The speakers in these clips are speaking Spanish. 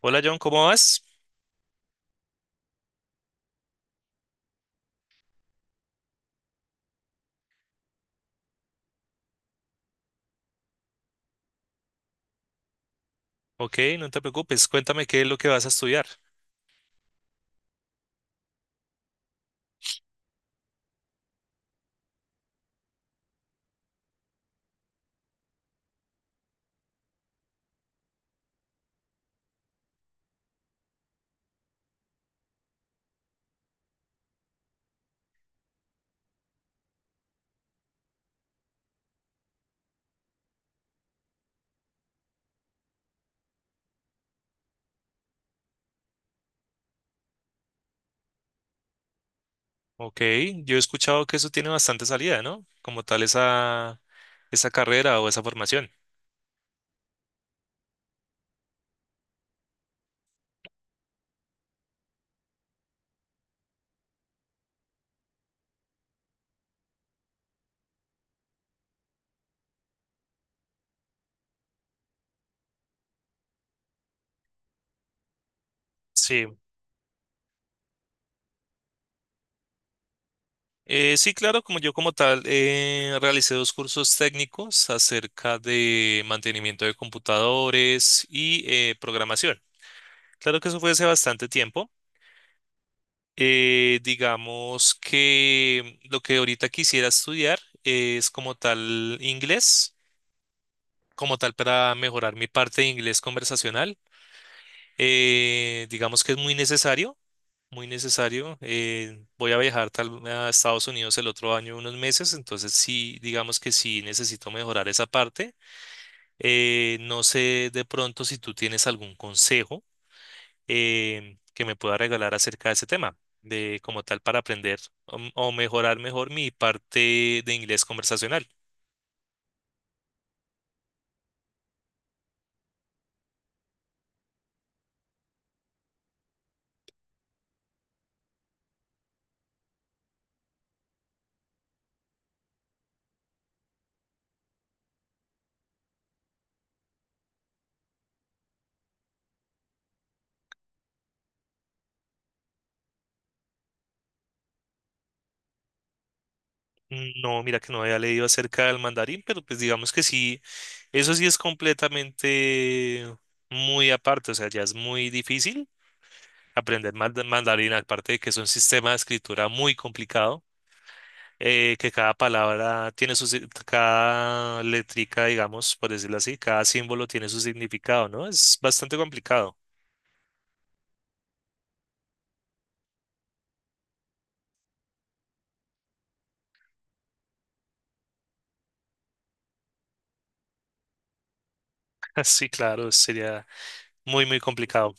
Hola John, ¿cómo vas? Ok, no te preocupes, cuéntame qué es lo que vas a estudiar. Ok, yo he escuchado que eso tiene bastante salida, ¿no? Como tal esa, esa carrera o esa formación. Sí, sí, claro, como yo como tal realicé dos cursos técnicos acerca de mantenimiento de computadores y programación. Claro que eso fue hace bastante tiempo. Digamos que lo que ahorita quisiera estudiar es como tal inglés como tal para mejorar mi parte de inglés conversacional. Digamos que es muy necesario, muy necesario. Voy a viajar tal, a Estados Unidos el otro año unos meses, entonces sí, digamos que sí necesito mejorar esa parte. No sé de pronto si tú tienes algún consejo que me pueda regalar acerca de ese tema, de como tal para aprender o, mejorar mejor mi parte de inglés conversacional. No, mira que no había leído acerca del mandarín, pero pues digamos que sí. Eso sí es completamente muy aparte, o sea, ya es muy difícil aprender mandarín, aparte de que es un sistema de escritura muy complicado, que cada palabra tiene su, cada letrica, digamos, por decirlo así, cada símbolo tiene su significado, ¿no? Es bastante complicado. Sí, claro, sería muy, muy complicado.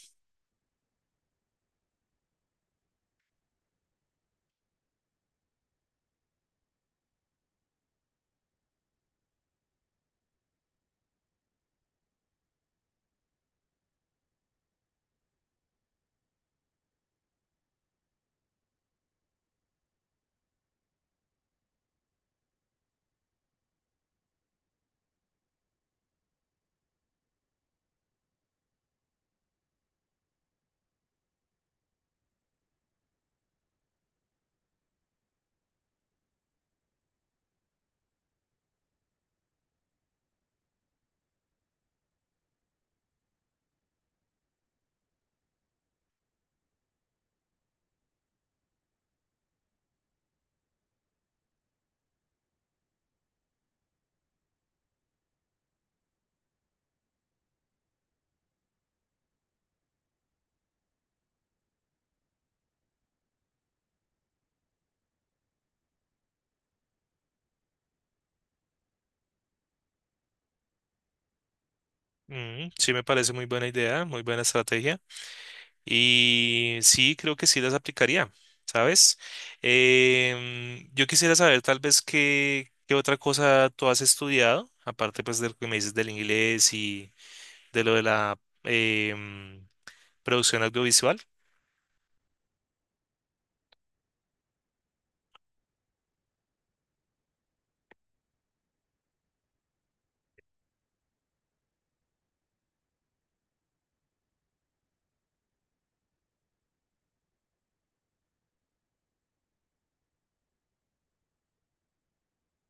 Mm, sí, me parece muy buena idea, muy buena estrategia. Y sí, creo que sí las aplicaría, ¿sabes? Em, yo quisiera saber tal vez qué, qué otra cosa tú has estudiado, aparte pues de lo que me dices del inglés y de lo de la producción audiovisual.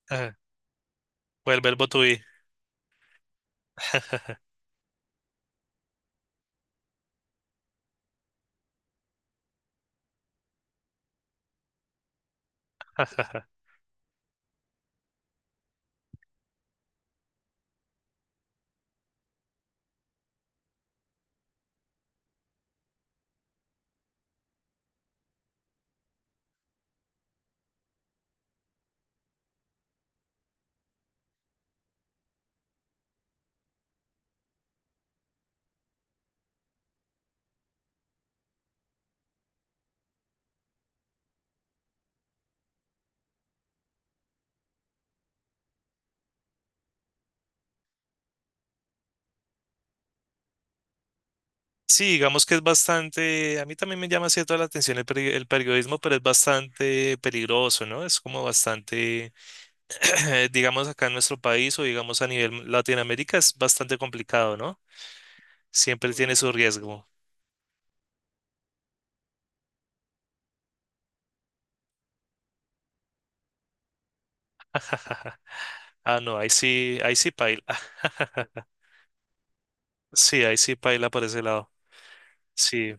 Ajá. O el verbo to be. Sí, digamos que es bastante, a mí también me llama cierto la atención el, el periodismo, pero es bastante peligroso, ¿no? Es como bastante, digamos acá en nuestro país o digamos a nivel Latinoamérica es bastante complicado, ¿no? Siempre tiene su riesgo. Ah, no, ahí sí paila. Sí, ahí sí paila por ese lado. Sí,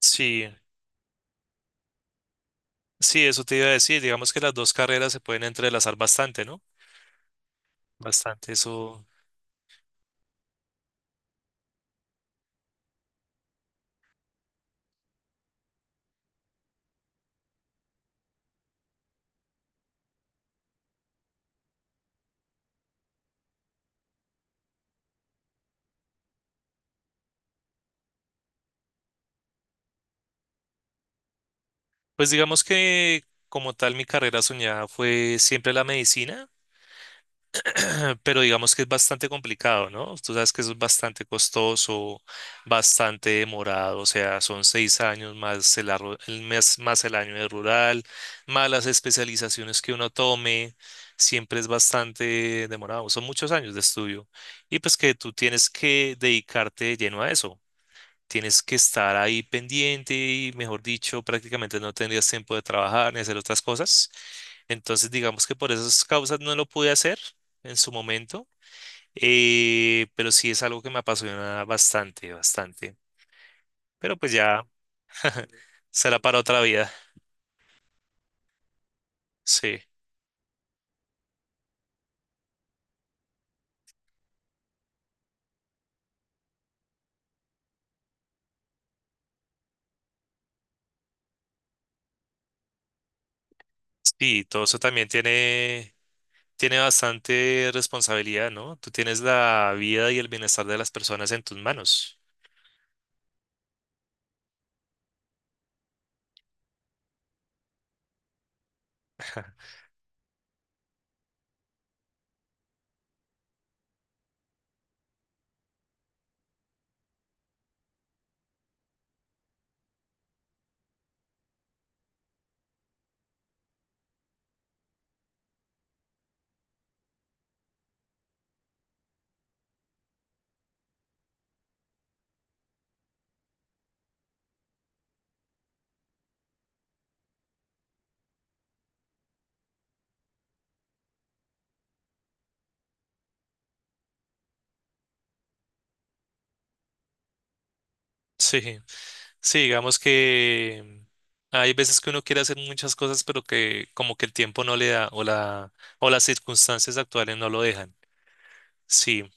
sí, sí, eso te iba a decir. Digamos que las dos carreras se pueden entrelazar bastante, ¿no? Bastante, eso. Pues digamos que como tal mi carrera soñada fue siempre la medicina, pero digamos que es bastante complicado, ¿no? Tú sabes que eso es bastante costoso, bastante demorado, o sea, son 6 años más el, el mes, más el año de rural, más las especializaciones que uno tome, siempre es bastante demorado, son muchos años de estudio y pues que tú tienes que dedicarte de lleno a eso. Tienes que estar ahí pendiente y, mejor dicho, prácticamente no tendrías tiempo de trabajar ni hacer otras cosas. Entonces, digamos que por esas causas no lo pude hacer en su momento, pero sí es algo que me apasiona bastante, bastante. Pero pues ya será para otra vida. Sí, sí, todo eso también tiene, tiene bastante responsabilidad, ¿no? Tú tienes la vida y el bienestar de las personas en tus manos. Sí. Sí, digamos que hay veces que uno quiere hacer muchas cosas, pero que como que el tiempo no le da o la o las circunstancias actuales no lo dejan. Sí,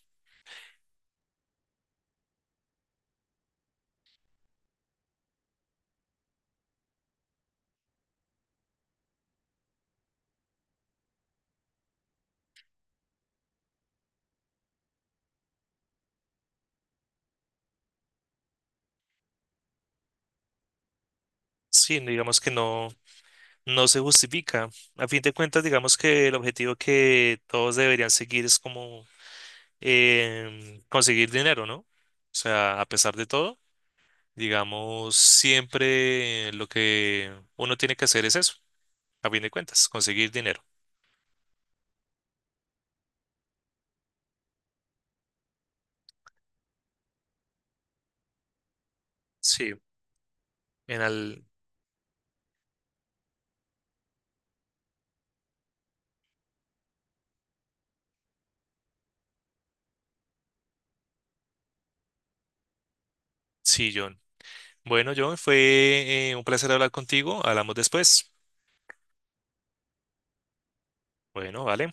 sí, digamos que no no se justifica. A fin de cuentas, digamos que el objetivo que todos deberían seguir es como conseguir dinero, ¿no? O sea, a pesar de todo, digamos, siempre lo que uno tiene que hacer es eso, a fin de cuentas, conseguir dinero. Sí, en al sí, John. Bueno, John, fue un placer hablar contigo. Hablamos después. Bueno, vale.